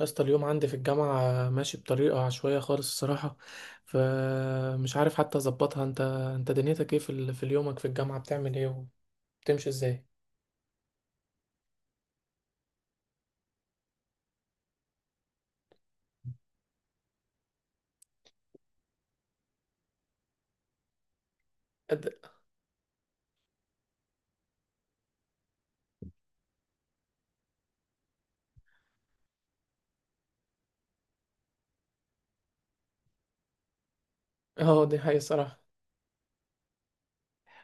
يا اسطى، اليوم عندي في الجامعة ماشي بطريقة عشوائية خالص الصراحة، فمش عارف حتى أظبطها. أنت دنيتك إيه في يومك في الجامعة، بتعمل إيه وبتمشي إزاي؟ أد... أه، دي حقيقة الصراحة.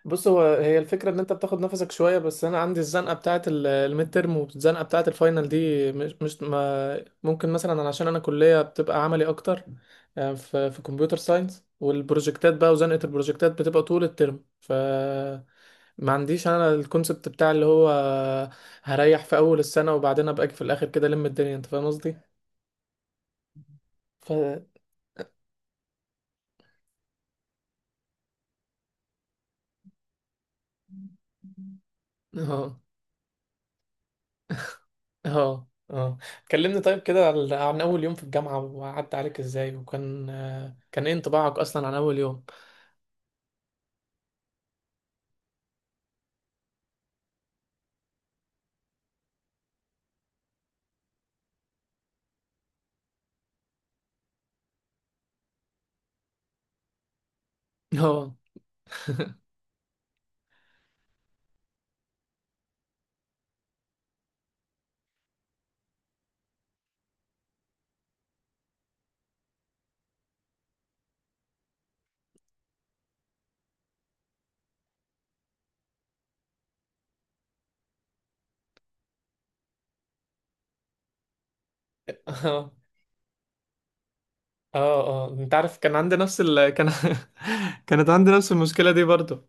بص، هي الفكرة ان انت بتاخد نفسك شوية، بس انا عندي الزنقة بتاعة الميد ترم والزنقة بتاعة الفاينل دي مش مش ما ممكن. مثلا أنا عشان انا كلية بتبقى عملي اكتر، في كمبيوتر ساينس، والبروجكتات بقى وزنقة البروجكتات بتبقى طول الترم، ف ما عنديش انا الكونسبت بتاع اللي هو هريح في اول السنة وبعدين ابقى اجي في الاخر كده الم الدنيا، انت فاهم قصدي؟ ف اه، اه، اه. كلمني طيب كده عن اول يوم في الجامعة وعدى عليك ازاي، وكان آه، كان ايه انطباعك اصلا عن اول يوم؟ اه. اه، اه، اه، انت عارف كان عندي نفس ال... كان كانت عندي نفس المشكلة دي برضو،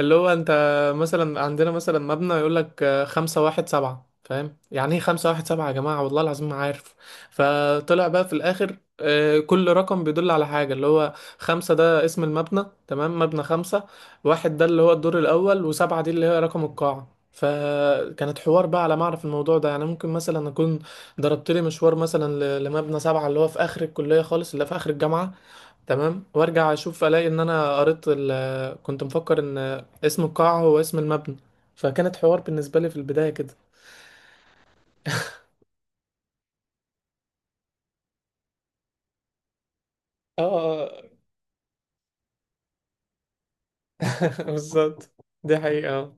اللي هو انت، مثلا عندنا مثلا مبنى يقول لك خمسة واحد سبعة، فاهم يعني ايه خمسة واحد سبعة؟ يا جماعة والله العظيم ما عارف. فطلع بقى في الآخر كل رقم بيدل على حاجة، اللي هو خمسة ده اسم المبنى، تمام، مبنى خمسة، واحد ده اللي هو الدور الأول، وسبعة دي اللي هي رقم القاعة. فكانت حوار بقى على ما اعرف الموضوع ده، يعني ممكن مثلا اكون ضربت لي مشوار مثلا لمبنى سبعة اللي هو في اخر الكلية خالص، اللي في اخر الجامعة، تمام، وارجع اشوف الاقي ان انا قريت كنت مفكر ان اسم القاعة هو اسم المبنى. فكانت حوار بالنسبة لي في البداية كده. اه، آه، آه، بالظبط. دي حقيقة آه.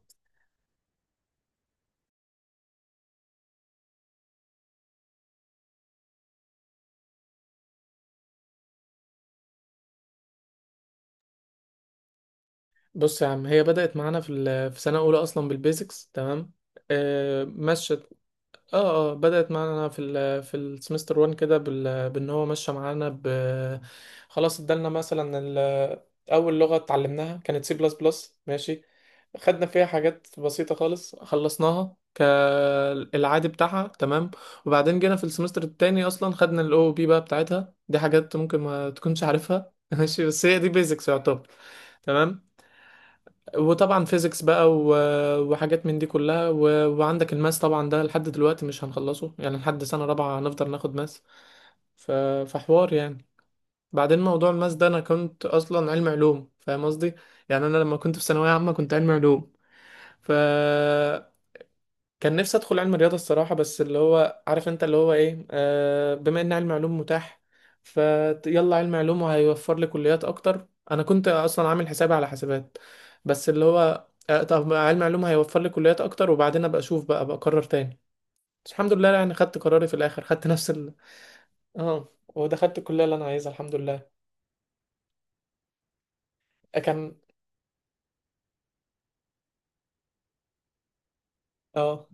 بص يا عم، هي بدأت معانا في في سنة أولى أصلا بالبيزكس، تمام، مشت. اه اه، بدأت معانا في في السمستر 1 كده بان هو ماشيه معانا خلاص. ادالنا مثلا اول لغه اتعلمناها كانت سي بلس بلس، ماشي، خدنا فيها حاجات بسيطه خالص خلصناها كالعادي بتاعها، تمام. وبعدين جينا في السمستر التاني اصلا خدنا الاو بي بقى بتاعتها، دي حاجات ممكن ما تكونش عارفها. ماشي، بس هي دي بيزكس يعتبر، تمام. وطبعا فيزيكس بقى وحاجات من دي كلها، وعندك الماس طبعا، ده لحد دلوقتي مش هنخلصه، يعني لحد سنة رابعة هنفضل ناخد ماس. ف- فحوار يعني. بعدين موضوع الماس ده، انا كنت اصلا علم علوم، فاهم قصدي؟ يعني انا لما كنت في ثانوية عامة كنت علم علوم. ف كان نفسي ادخل علم الرياضه الصراحه، بس اللي هو، عارف انت، اللي هو ايه، آه، بما ان علم علوم متاح، فيلا علم علوم وهيوفر لي كليات اكتر. انا كنت اصلا عامل حسابي على حسابات، بس اللي هو آه، طب ما علم علوم هيوفر لي كليات اكتر، وبعدين ابقى اشوف بقى ابقى اقرر تاني. بس الحمد لله يعني خدت قراري في الاخر، خدت اه، ودخلت الكليه اللي انا عايزها، الحمد لله. آه، كان اه،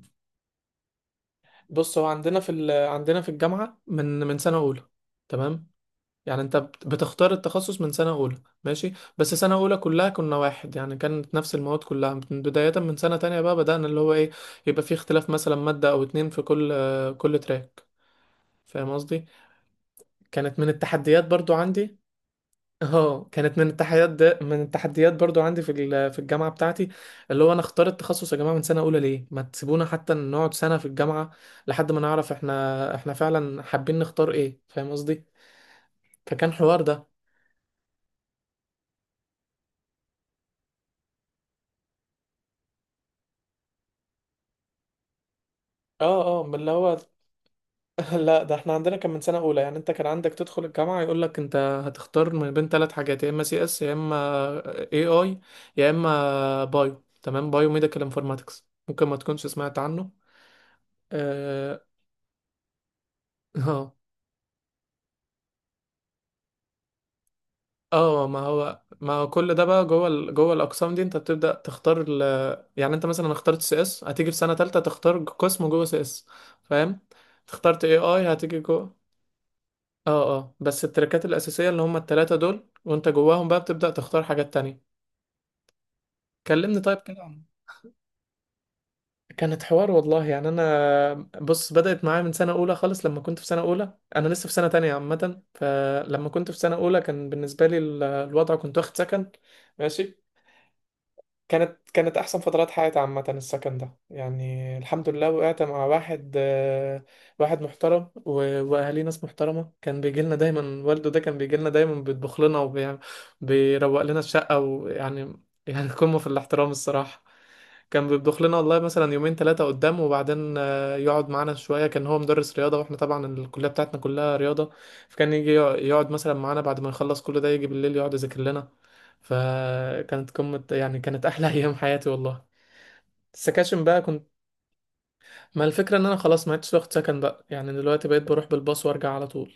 بص هو عندنا في عندنا في الجامعه من سنه اولى، تمام. يعني انت بتختار التخصص من سنة أولى ماشي، بس سنة أولى كلها كنا واحد، يعني كانت نفس المواد كلها، بداية من سنة تانية بقى بدأنا اللي هو ايه يبقى في اختلاف، مثلا مادة أو اتنين في كل كل تراك، فاهم قصدي. كانت من التحديات برضو عندي. اه، كانت من التحديات، ده من التحديات برضو عندي في في الجامعة بتاعتي، اللي هو انا اختار التخصص يا جماعة من سنة أولى، ليه ما تسيبونا حتى نقعد سنة في الجامعة لحد ما نعرف احنا فعلا حابين نختار ايه، فاهم قصدي؟ فكان حوار ده. اه اه، من اللي هو لا، ده احنا عندنا كان من سنة أولى، يعني أنت كان عندك تدخل الجامعة يقول لك أنت هتختار من بين ثلاث حاجات، يا إما سي إس يا إما اي آي يا إما بايو، تمام، بايو ميديكال انفورماتكس، ممكن ما تكونش سمعت عنه. اه. اه، ما هو كل ده بقى جوه جوه الأقسام دي، أنت بتبدأ تختار يعني أنت مثلا اخترت سي إس، هتيجي في سنة تالتة تختار قسم جوه سي إس، فاهم، اخترت اي آي هتيجي جوه. اه اه، بس التراكات الأساسية اللي هما التلاتة دول، وانت جواهم بقى بتبدأ تختار حاجات تانية. كلمني طيب كده عن. كانت حوار والله يعني انا، بص، بدأت معايا من سنة أولى خالص، لما كنت في سنة أولى انا لسه في سنة تانية عامة، فلما كنت في سنة أولى كان بالنسبة لي الوضع كنت واخد سكن، ماشي. كانت احسن فترات حياتي عامه، السكن ده يعني الحمد لله، وقعت مع واحد، واحد محترم واهاليه ناس محترمه، كان بيجي لنا دايما والده، ده كان بيجي لنا دايما بيطبخ لنا وبيروق لنا الشقه ويعني، يعني قمه في الاحترام الصراحه. كان بيطبخ لنا والله مثلا يومين ثلاثه قدام، وبعدين يقعد معانا شويه، كان هو مدرس رياضه واحنا طبعا الكليه بتاعتنا كلها رياضه، فكان يجي يقعد مثلا معانا بعد ما يخلص كل ده، يجي بالليل يقعد يذاكر لنا. فكانت قمة، يعني كانت أحلى أيام حياتي والله. السكاشن بقى كنت، ما الفكرة إن أنا خلاص ما عدتش واخد سكن بقى، يعني دلوقتي بقيت بروح بالباص وأرجع على طول،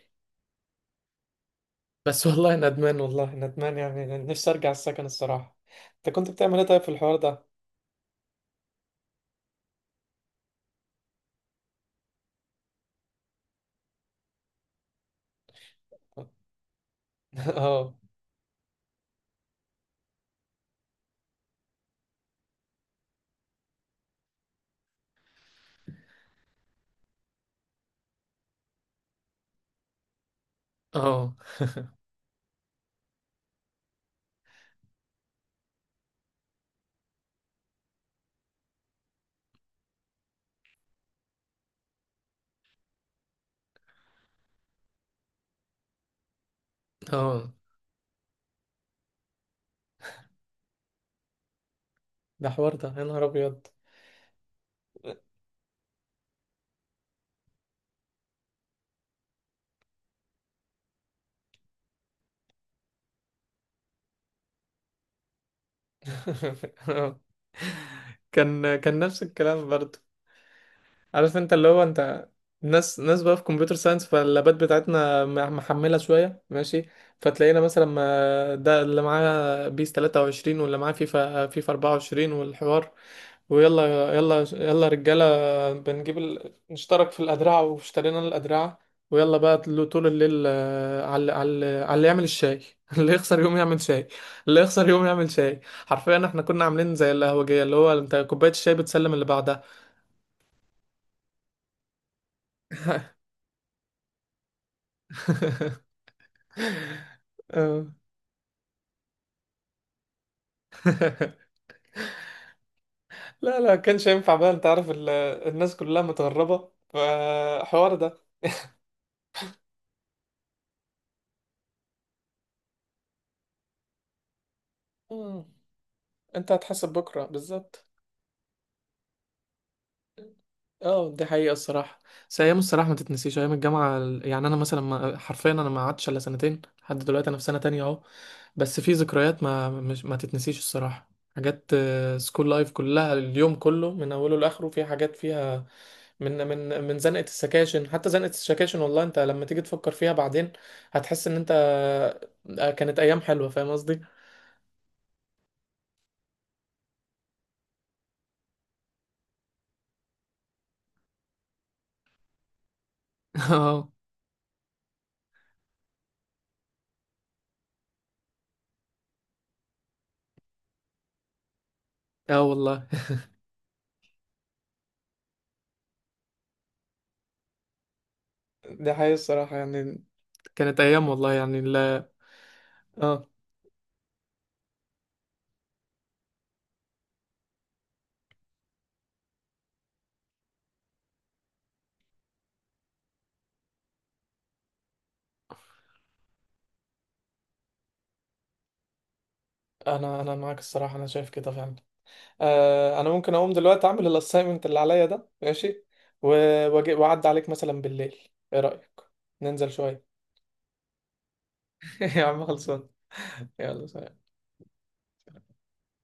بس. والله ندمان، والله ندمان، يعني نفسي أرجع السكن الصراحة. أنت كنت بتعمل إيه طيب في الحوار ده؟ اه، اه، اه، ده حوار ده يا نهار أبيض. آه. كان نفس الكلام برضه. عارف انت اللي هو انت، ناس بقى في كمبيوتر ساينس، فاللابات بتاعتنا محملة شوية ماشي، فتلاقينا مثلا، ده اللي معاه بيس 23 واللي معاه فيفا 24 والحوار، ويلا يلا يلا رجالة، بنجيب نشترك في الأدرعة، واشترينا الأدرعة، ويلا بقى طول الليل، على اللي يعمل الشاي. اللي يخسر يوم يعمل شاي، اللي يخسر يوم يعمل شاي. حرفيا احنا كنا عاملين زي القهوجية، اللي هو انت كوباية الشاي بتسلم اللي بعدها. اه. لا لا، كانش ينفع بقى، انت عارف الناس كلها متغربة، فحوار ده. مم. انت هتحاسب بكرة، بالظبط، اه دي حقيقة الصراحة. بس أيام، الصراحة ما تتنسيش أيام الجامعة يعني. أنا مثلا، ما حرفيا أنا ما قعدتش إلا سنتين لحد دلوقتي، أنا في سنة تانية أهو، بس في ذكريات ما تتنسيش الصراحة، حاجات سكول لايف كلها، اليوم كله من أوله لآخره في حاجات فيها، من زنقة السكاشن حتى زنقة السكاشن، والله أنت لما تيجي تفكر فيها بعدين هتحس إن أنت، كانت أيام حلوة، فاهم قصدي؟ اه، اه والله. دي حقيقة الصراحة يعني، كانت أيام والله يعني. لا، انا معاك الصراحه، انا شايف كده فعلا، آه. انا ممكن اقوم دلوقتي اعمل الاساينمنت اللي عليا ده ماشي، واجي واعدي عليك مثلا بالليل، ايه رايك؟ ننزل شويه. يا عم خلصان. يلا سلام.